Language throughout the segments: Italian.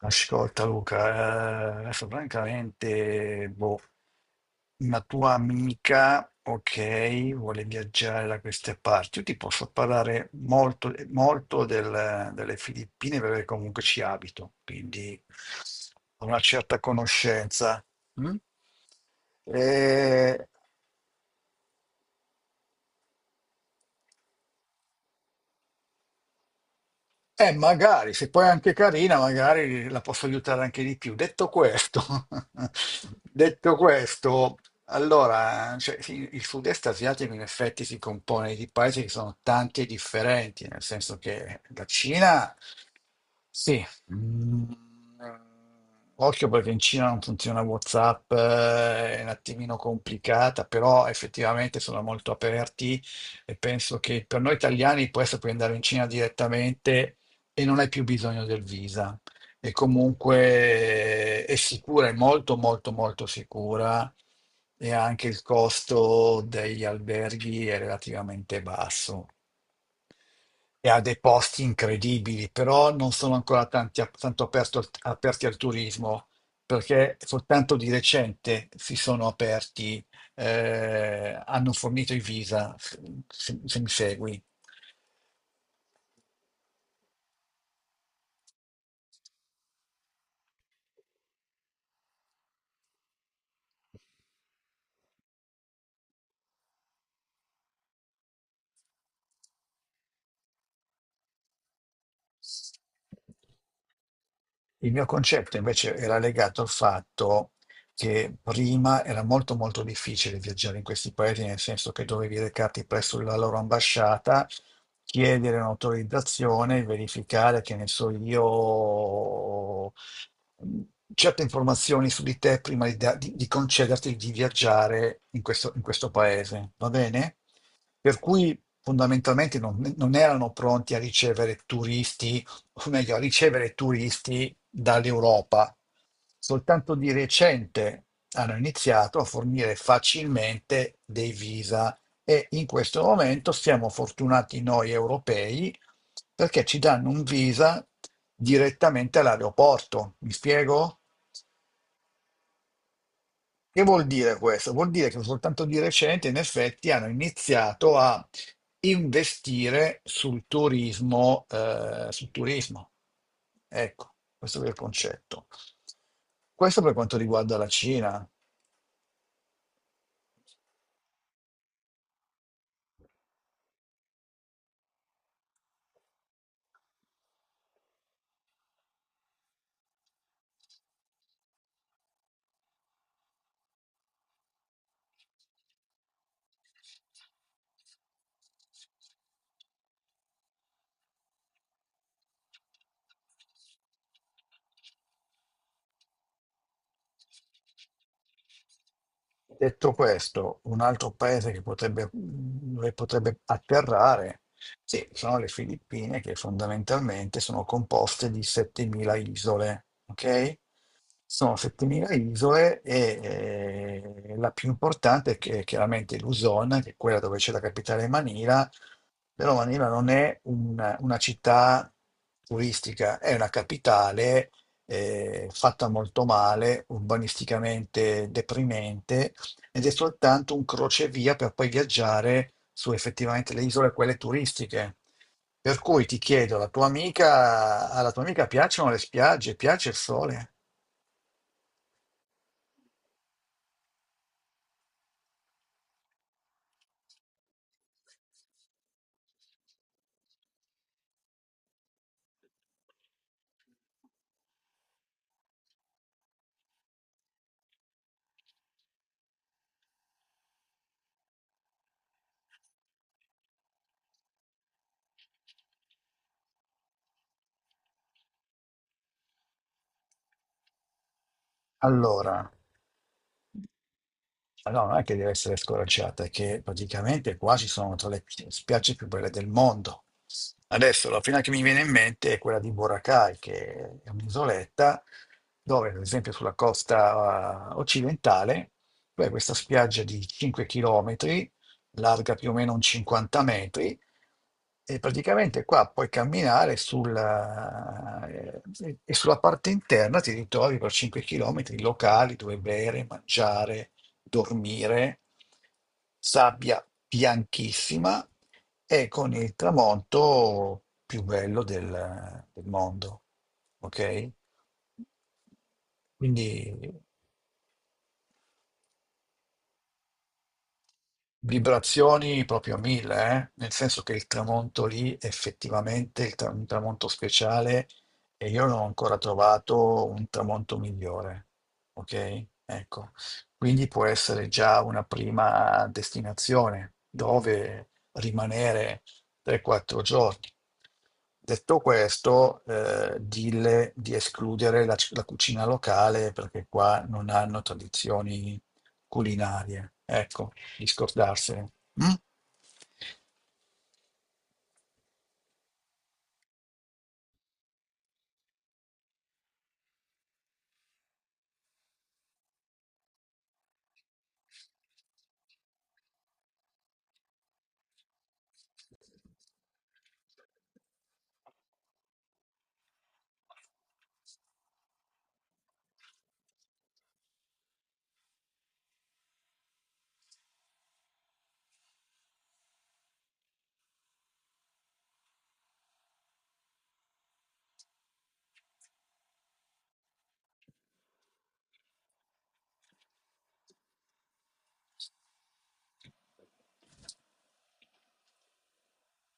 Ascolta Luca, adesso francamente, boh, una tua amica, ok, vuole viaggiare da queste parti. Io ti posso parlare molto, molto delle Filippine perché comunque ci abito, quindi ho una certa conoscenza. Mm? Eh, magari, se poi è anche carina, magari la posso aiutare anche di più. Detto questo, detto questo, allora, cioè, sì, il sud-est asiatico in effetti si compone di paesi che sono tanti e differenti, nel senso che la Cina, sì, mm, occhio perché in Cina non funziona WhatsApp, è un attimino complicata, però effettivamente sono molto aperti e penso che per noi italiani può essere puoi andare in Cina direttamente e non hai più bisogno del visa. E comunque è sicura, è molto molto molto sicura e anche il costo degli alberghi è relativamente basso e ha dei posti incredibili, però non sono ancora tanti, aperti al turismo, perché soltanto di recente si sono aperti, hanno fornito i visa, se mi segui. Il mio concetto invece era legato al fatto che prima era molto molto difficile viaggiare in questi paesi, nel senso che dovevi recarti presso la loro ambasciata, chiedere un'autorizzazione, verificare che ne so io, mh, certe informazioni su di te prima di concederti di viaggiare in questo paese, va bene? Per cui fondamentalmente non erano pronti a ricevere turisti o meglio, a ricevere turisti dall'Europa. Soltanto di recente hanno iniziato a fornire facilmente dei visa e in questo momento siamo fortunati noi europei perché ci danno un visa direttamente all'aeroporto. Mi spiego? Che vuol dire questo? Vuol dire che soltanto di recente, in effetti, hanno iniziato a investire sul turismo, sul turismo. Ecco, questo è il concetto. Questo per quanto riguarda la Cina. Detto questo, un altro paese che potrebbe, dove potrebbe atterrare, sì, sono le Filippine, che fondamentalmente sono composte di 7.000 isole, ok? Sono 7.000 isole e la più importante chiaramente Luzon, che è quella dove c'è la capitale Manila. Però Manila non è una città turistica, è una capitale fatta molto male, urbanisticamente deprimente, ed è soltanto un crocevia per poi viaggiare su effettivamente le isole, quelle turistiche. Per cui ti chiedo, alla tua amica piacciono le spiagge, piace il sole? Allora. Ma no, non è che deve essere scoraggiata, è che praticamente qua ci sono tra le spiagge più belle del mondo. Adesso la prima che mi viene in mente è quella di Boracay, che è un'isoletta dove, ad esempio, sulla costa occidentale, tu hai questa spiaggia di 5 km, larga più o meno un 50 metri, e praticamente qua puoi camminare e sulla parte interna ti ritrovi per 5 km locali dove bere, mangiare, dormire, sabbia bianchissima e con il tramonto più bello del mondo. Ok? Quindi. Vibrazioni proprio a mille, eh? Nel senso che il tramonto lì effettivamente è un tramonto speciale e io non ho ancora trovato un tramonto migliore, ok? Ecco, quindi può essere già una prima destinazione dove rimanere 3-4 giorni. Detto questo, dille di escludere la cucina locale perché qua non hanno tradizioni culinarie. Ecco, di scordarsene. Mm?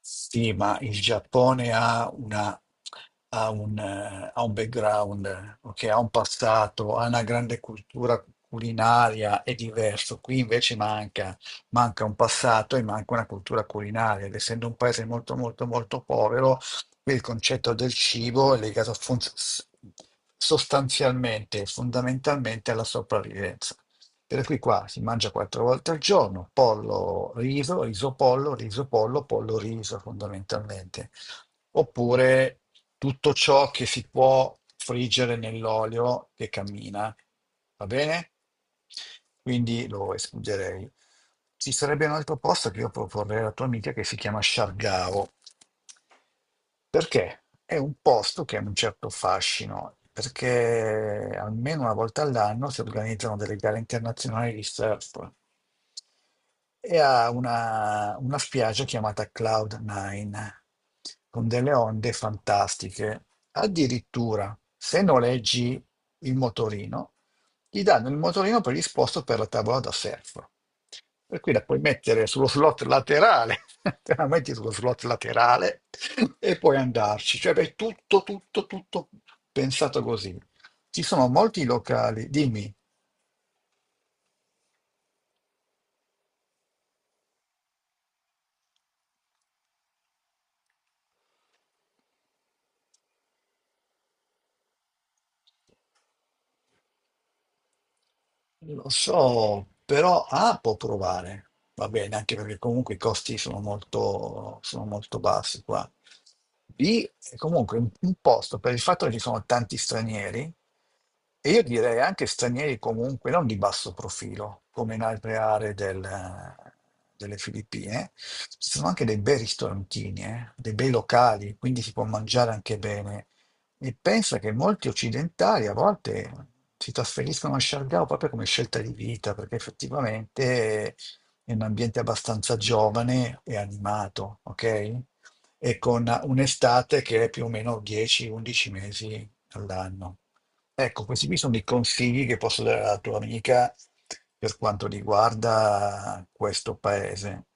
Sì, ma il Giappone ha una, ha un background, ok, ha un passato, ha una grande cultura culinaria, è diverso. Qui invece manca un passato e manca una cultura culinaria, ed essendo un paese molto molto molto povero, il concetto del cibo è legato sostanzialmente e fondamentalmente alla sopravvivenza. Per cui qua si mangia quattro volte al giorno, pollo, riso, riso, pollo, pollo, riso fondamentalmente, oppure tutto ciò che si può friggere nell'olio che cammina, va bene? Quindi lo escluderei. Ci sarebbe un altro posto che io proporrei alla tua amica che si chiama Sciargao, perché è un posto che ha un certo fascino, perché almeno una volta all'anno si organizzano delle gare internazionali di surf e ha una spiaggia chiamata Cloud Nine, con delle onde fantastiche. Addirittura, se noleggi il motorino, gli danno il motorino predisposto per la tavola da surf. Per cui la puoi mettere sullo slot laterale, te la metti sullo slot laterale e puoi andarci. Cioè, è tutto, tutto, tutto pensato così. Ci sono molti locali, dimmi. Lo so, però può provare, va bene, anche perché comunque i costi sono molto bassi qua. B È comunque un posto, per il fatto che ci sono tanti stranieri, e io direi anche stranieri comunque non di basso profilo, come in altre aree delle Filippine. Ci sono anche dei bei ristorantini, dei bei locali, quindi si può mangiare anche bene. E pensa che molti occidentali a volte si trasferiscono a Siargao proprio come scelta di vita, perché effettivamente è un ambiente abbastanza giovane e animato, ok? E con un'estate che è più o meno 10-11 mesi all'anno. Ecco, questi qui sono i consigli che posso dare alla tua amica per quanto riguarda questo paese.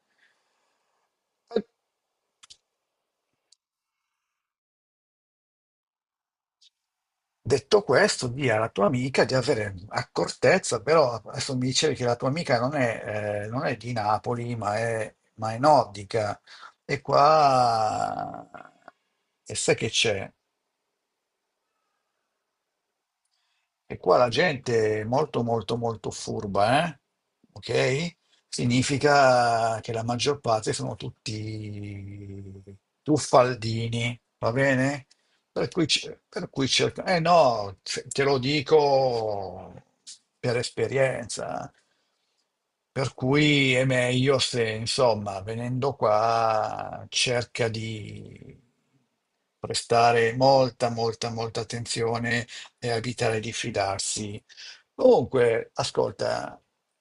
Detto questo, di' alla tua amica di avere accortezza, però adesso mi dicevi che la tua amica non è, non è di Napoli, ma è nordica. E qua, e sai che c'è? E qua la gente è molto molto molto furba, eh? Ok? Significa che la maggior parte sono tutti tuffaldini, va bene? Per cui, cerca... Eh no, te lo dico per esperienza. Per cui è meglio se, insomma, venendo qua, cerca di prestare molta, molta, molta attenzione e a evitare di fidarsi. Comunque, ascolta,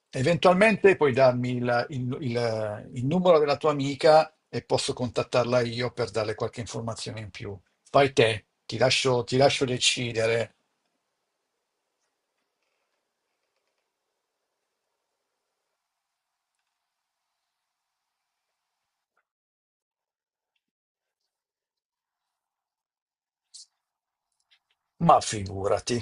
eventualmente puoi darmi il numero della tua amica e posso contattarla io per darle qualche informazione in più. Fai te, ti lascio decidere, ma figurati.